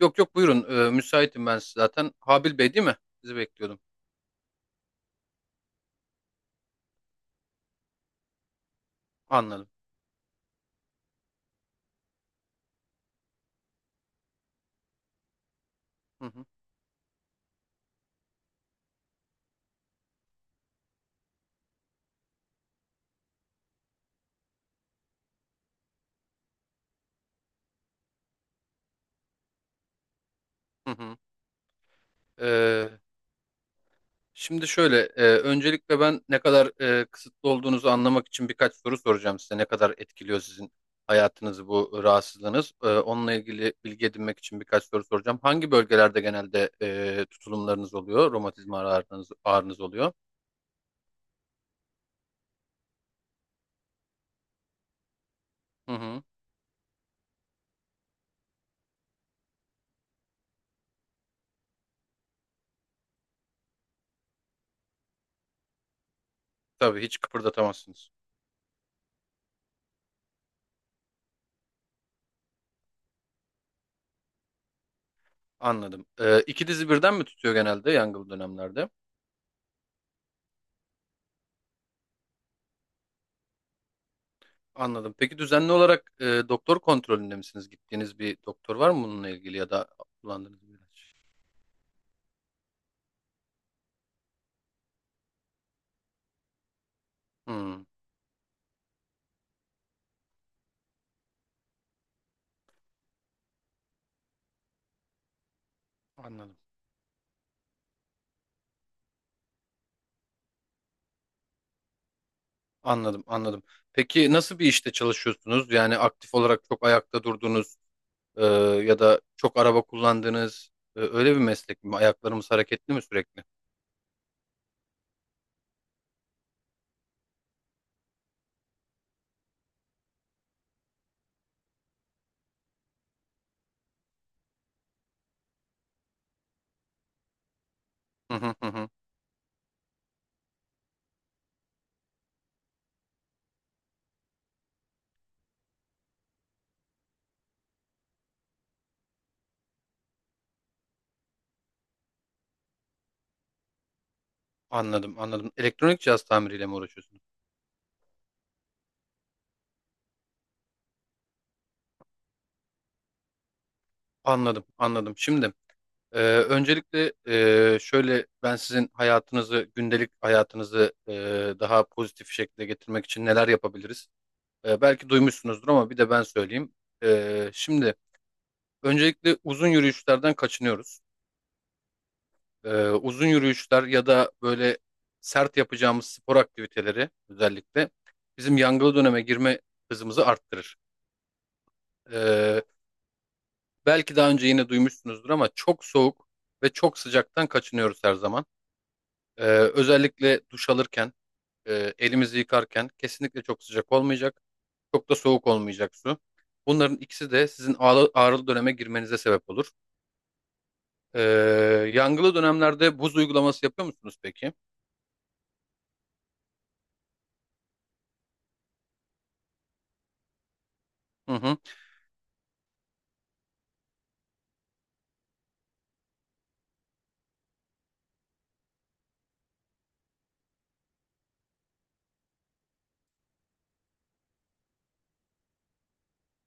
Yok yok buyurun. Müsaitim ben zaten. Habil Bey değil mi? Sizi bekliyordum. Anladım. Hı hı. Hı hı. Ee, Şimdi şöyle. Öncelikle ben ne kadar kısıtlı olduğunuzu anlamak için birkaç soru soracağım size. Ne kadar etkiliyor sizin hayatınızı bu rahatsızlığınız? Onunla ilgili bilgi edinmek için birkaç soru soracağım. Hangi bölgelerde genelde tutulumlarınız oluyor? Romatizma ağrınız, ağrınız oluyor? Hı hı. Tabii hiç kıpırdatamazsınız. Anladım. İki dizi birden mi tutuyor genelde yangılı dönemlerde? Anladım. Peki düzenli olarak doktor kontrolünde misiniz? Gittiğiniz bir doktor var mı bununla ilgili ya da kullandığınız bir ilaç? Hmm, anladım. Anladım, anladım. Peki nasıl bir işte çalışıyorsunuz? Yani aktif olarak çok ayakta durduğunuz e, ya da çok araba kullandığınız öyle bir meslek mi? Ayaklarımız hareketli mi sürekli? Hı hı hı. Hı. Anladım, anladım. Elektronik cihaz tamiriyle mi uğraşıyorsunuz? Anladım, anladım. Şimdi öncelikle şöyle ben sizin hayatınızı, gündelik hayatınızı daha pozitif şekilde getirmek için neler yapabiliriz? Belki duymuşsunuzdur ama bir de ben söyleyeyim. Şimdi öncelikle uzun yürüyüşlerden kaçınıyoruz. Uzun yürüyüşler ya da böyle sert yapacağımız spor aktiviteleri özellikle bizim yangılı döneme girme hızımızı arttırır. E, Belki daha önce yine duymuşsunuzdur ama çok soğuk ve çok sıcaktan kaçınıyoruz her zaman. Ee, Özellikle duş alırken, elimizi yıkarken kesinlikle çok sıcak olmayacak, çok da soğuk olmayacak su. Bunların ikisi de sizin ağrılı döneme girmenize sebep olur. Ee, Yangılı dönemlerde buz uygulaması yapıyor musunuz peki? Hı hı.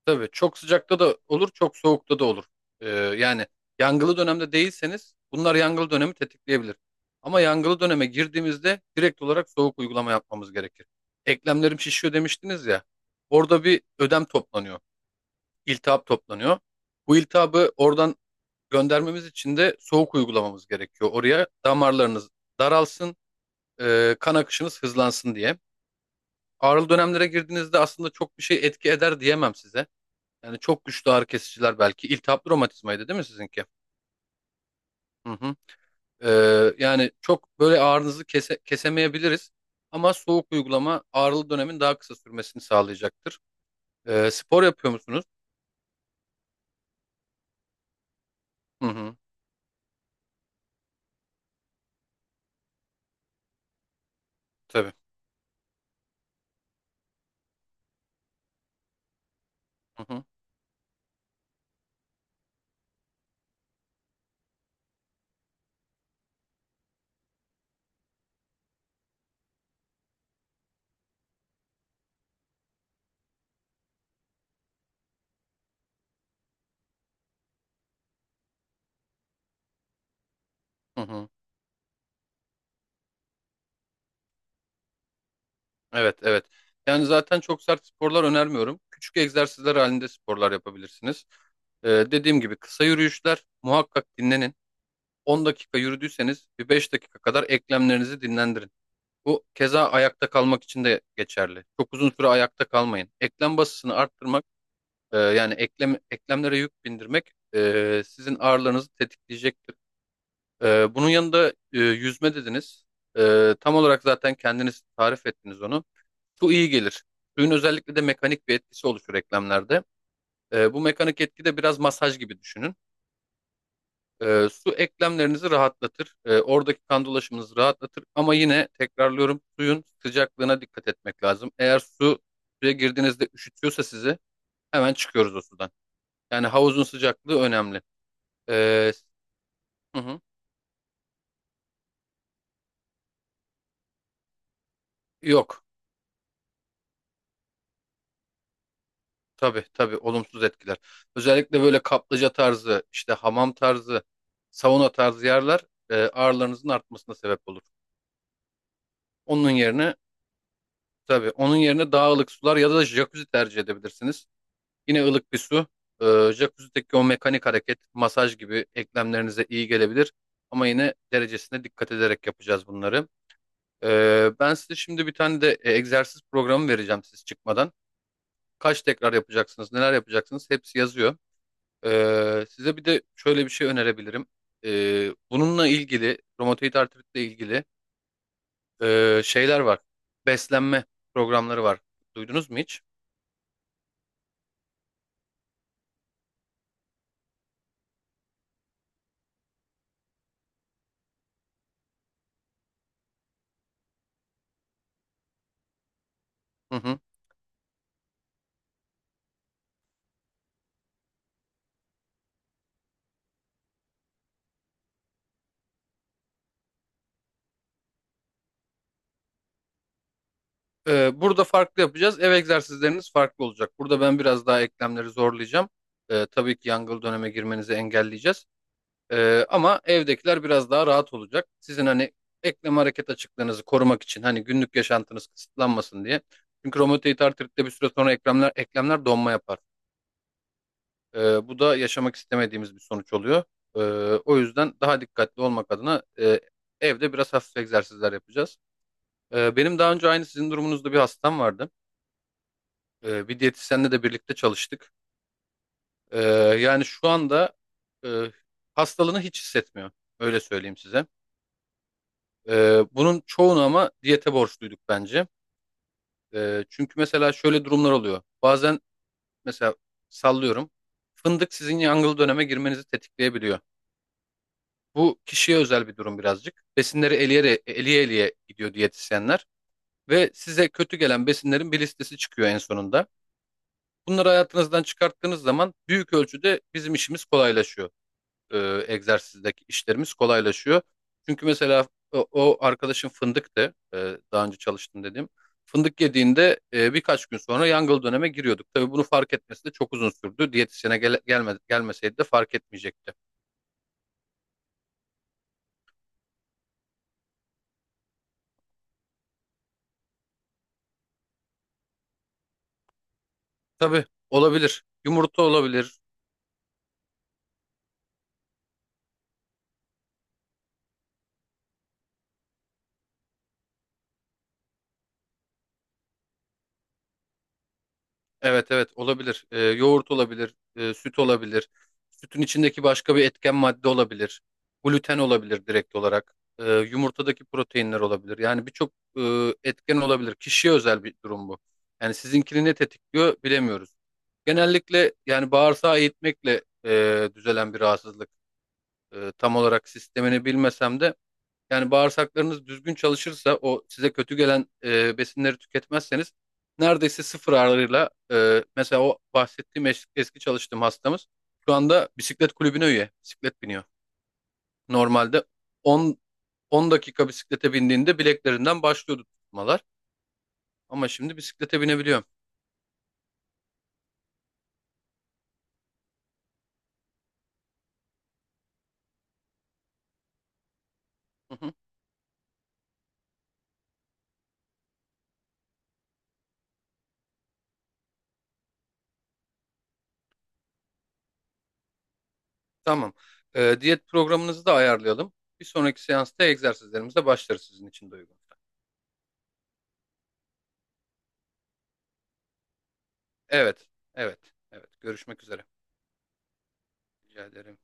Tabii çok sıcakta da olur, çok soğukta da olur. Yani yangılı dönemde değilseniz bunlar yangılı dönemi tetikleyebilir. Ama yangılı döneme girdiğimizde direkt olarak soğuk uygulama yapmamız gerekir. Eklemlerim şişiyor demiştiniz ya. Orada bir ödem toplanıyor. İltihap toplanıyor. Bu iltihabı oradan göndermemiz için de soğuk uygulamamız gerekiyor. Oraya damarlarınız daralsın, kan akışınız hızlansın diye. Ağrılı dönemlere girdiğinizde aslında çok bir şey etki eder diyemem size. Yani çok güçlü ağrı kesiciler belki. İltihaplı romatizmaydı değil mi sizinki? Hı hı. E, Yani çok böyle ağrınızı kesemeyebiliriz. Ama soğuk uygulama ağrılı dönemin daha kısa sürmesini sağlayacaktır. Spor yapıyor musunuz? Hı hı. Tabii. Hı hı. Hı hı. Evet, evet. Yani zaten çok sert sporlar önermiyorum. Küçük egzersizler halinde sporlar yapabilirsiniz. Dediğim gibi kısa yürüyüşler muhakkak dinlenin. 10 dakika yürüdüyseniz bir 5 dakika kadar eklemlerinizi dinlendirin. Bu keza ayakta kalmak için de geçerli. Çok uzun süre ayakta kalmayın. Eklem basısını arttırmak, yani eklemlere yük bindirmek sizin ağrılarınızı tetikleyecektir. Bunun yanında yüzme dediniz. Tam olarak zaten kendiniz tarif ettiniz onu. Su iyi gelir. Suyun özellikle de mekanik bir etkisi oluşur eklemlerde. Bu mekanik etki de biraz masaj gibi düşünün. Su eklemlerinizi rahatlatır. Oradaki kan dolaşımınızı rahatlatır. Ama yine tekrarlıyorum suyun sıcaklığına dikkat etmek lazım. Eğer suya girdiğinizde üşütüyorsa sizi hemen çıkıyoruz o sudan. Yani havuzun sıcaklığı önemli. Ee, hı hı. Yok. Tabii tabii olumsuz etkiler. Özellikle böyle kaplıca tarzı, işte hamam tarzı, sauna tarzı yerler ağrılarınızın artmasına sebep olur. Onun yerine tabii onun yerine daha ılık sular ya da jacuzzi tercih edebilirsiniz. Yine ılık bir su. Ee, Jacuzzi'deki o mekanik hareket, masaj gibi eklemlerinize iyi gelebilir. Ama yine derecesine dikkat ederek yapacağız bunları. Ben size şimdi bir tane de egzersiz programı vereceğim siz çıkmadan. Kaç tekrar yapacaksınız, neler yapacaksınız hepsi yazıyor. Size bir de şöyle bir şey önerebilirim. Bununla ilgili, romatoid artritle ilgili şeyler var. Beslenme programları var. Duydunuz mu hiç? Hı hı. Burada farklı yapacağız. Ev egzersizleriniz farklı olacak. Burada ben biraz daha eklemleri zorlayacağım. Tabii ki yangıl döneme girmenizi engelleyeceğiz. Ama evdekiler biraz daha rahat olacak. Sizin hani eklem hareket açıklığınızı korumak için hani günlük yaşantınız kısıtlanmasın diye. Çünkü romatoid artritte bir süre sonra eklemler donma yapar. Bu da yaşamak istemediğimiz bir sonuç oluyor. Ee, O yüzden daha dikkatli olmak adına evde biraz hafif egzersizler yapacağız. Benim daha önce aynı sizin durumunuzda bir hastam vardı. Bir diyetisyenle de birlikte çalıştık. Ee, Yani şu anda e, hastalığını hiç hissetmiyor. Öyle söyleyeyim size. Bunun çoğunu ama diyete borçluyduk bence. Çünkü mesela şöyle durumlar oluyor. Bazen mesela sallıyorum. Fındık sizin yangıl döneme girmenizi tetikleyebiliyor. Bu kişiye özel bir durum birazcık. Besinleri eleye eliye gidiyor diyetisyenler ve size kötü gelen besinlerin bir listesi çıkıyor en sonunda. Bunları hayatınızdan çıkarttığınız zaman büyük ölçüde bizim işimiz kolaylaşıyor. Egzersizdeki işlerimiz kolaylaşıyor. Çünkü mesela o arkadaşım fındıktı. Daha önce çalıştım dediğim. Fındık yediğinde birkaç gün sonra yangıl döneme giriyorduk. Tabii bunu fark etmesi de çok uzun sürdü. Diyetisyene gelmeseydi de fark etmeyecekti. Tabii olabilir. Yumurta olabilir. Evet evet olabilir. Yoğurt olabilir, süt olabilir. Sütün içindeki başka bir etken madde olabilir. Gluten olabilir direkt olarak. Yumurtadaki proteinler olabilir. Yani birçok etken olabilir. Kişiye özel bir durum bu. Yani sizinkini ne tetikliyor bilemiyoruz. Genellikle yani bağırsağı eğitmekle düzelen bir rahatsızlık. Tam olarak sistemini bilmesem de yani bağırsaklarınız düzgün çalışırsa o size kötü gelen besinleri tüketmezseniz neredeyse sıfır ağırlığıyla mesela o bahsettiğim eski çalıştığım hastamız şu anda bisiklet kulübüne üye. Bisiklet biniyor. Normalde 10 10 dakika bisiklete bindiğinde bileklerinden başlıyordu tutmalar ama şimdi bisiklete binebiliyor. Hı hı. Tamam. Diyet programınızı da ayarlayalım. Bir sonraki seansta egzersizlerimize başlarız sizin için de uygun. Evet, evet, evet. Görüşmek üzere. Rica ederim.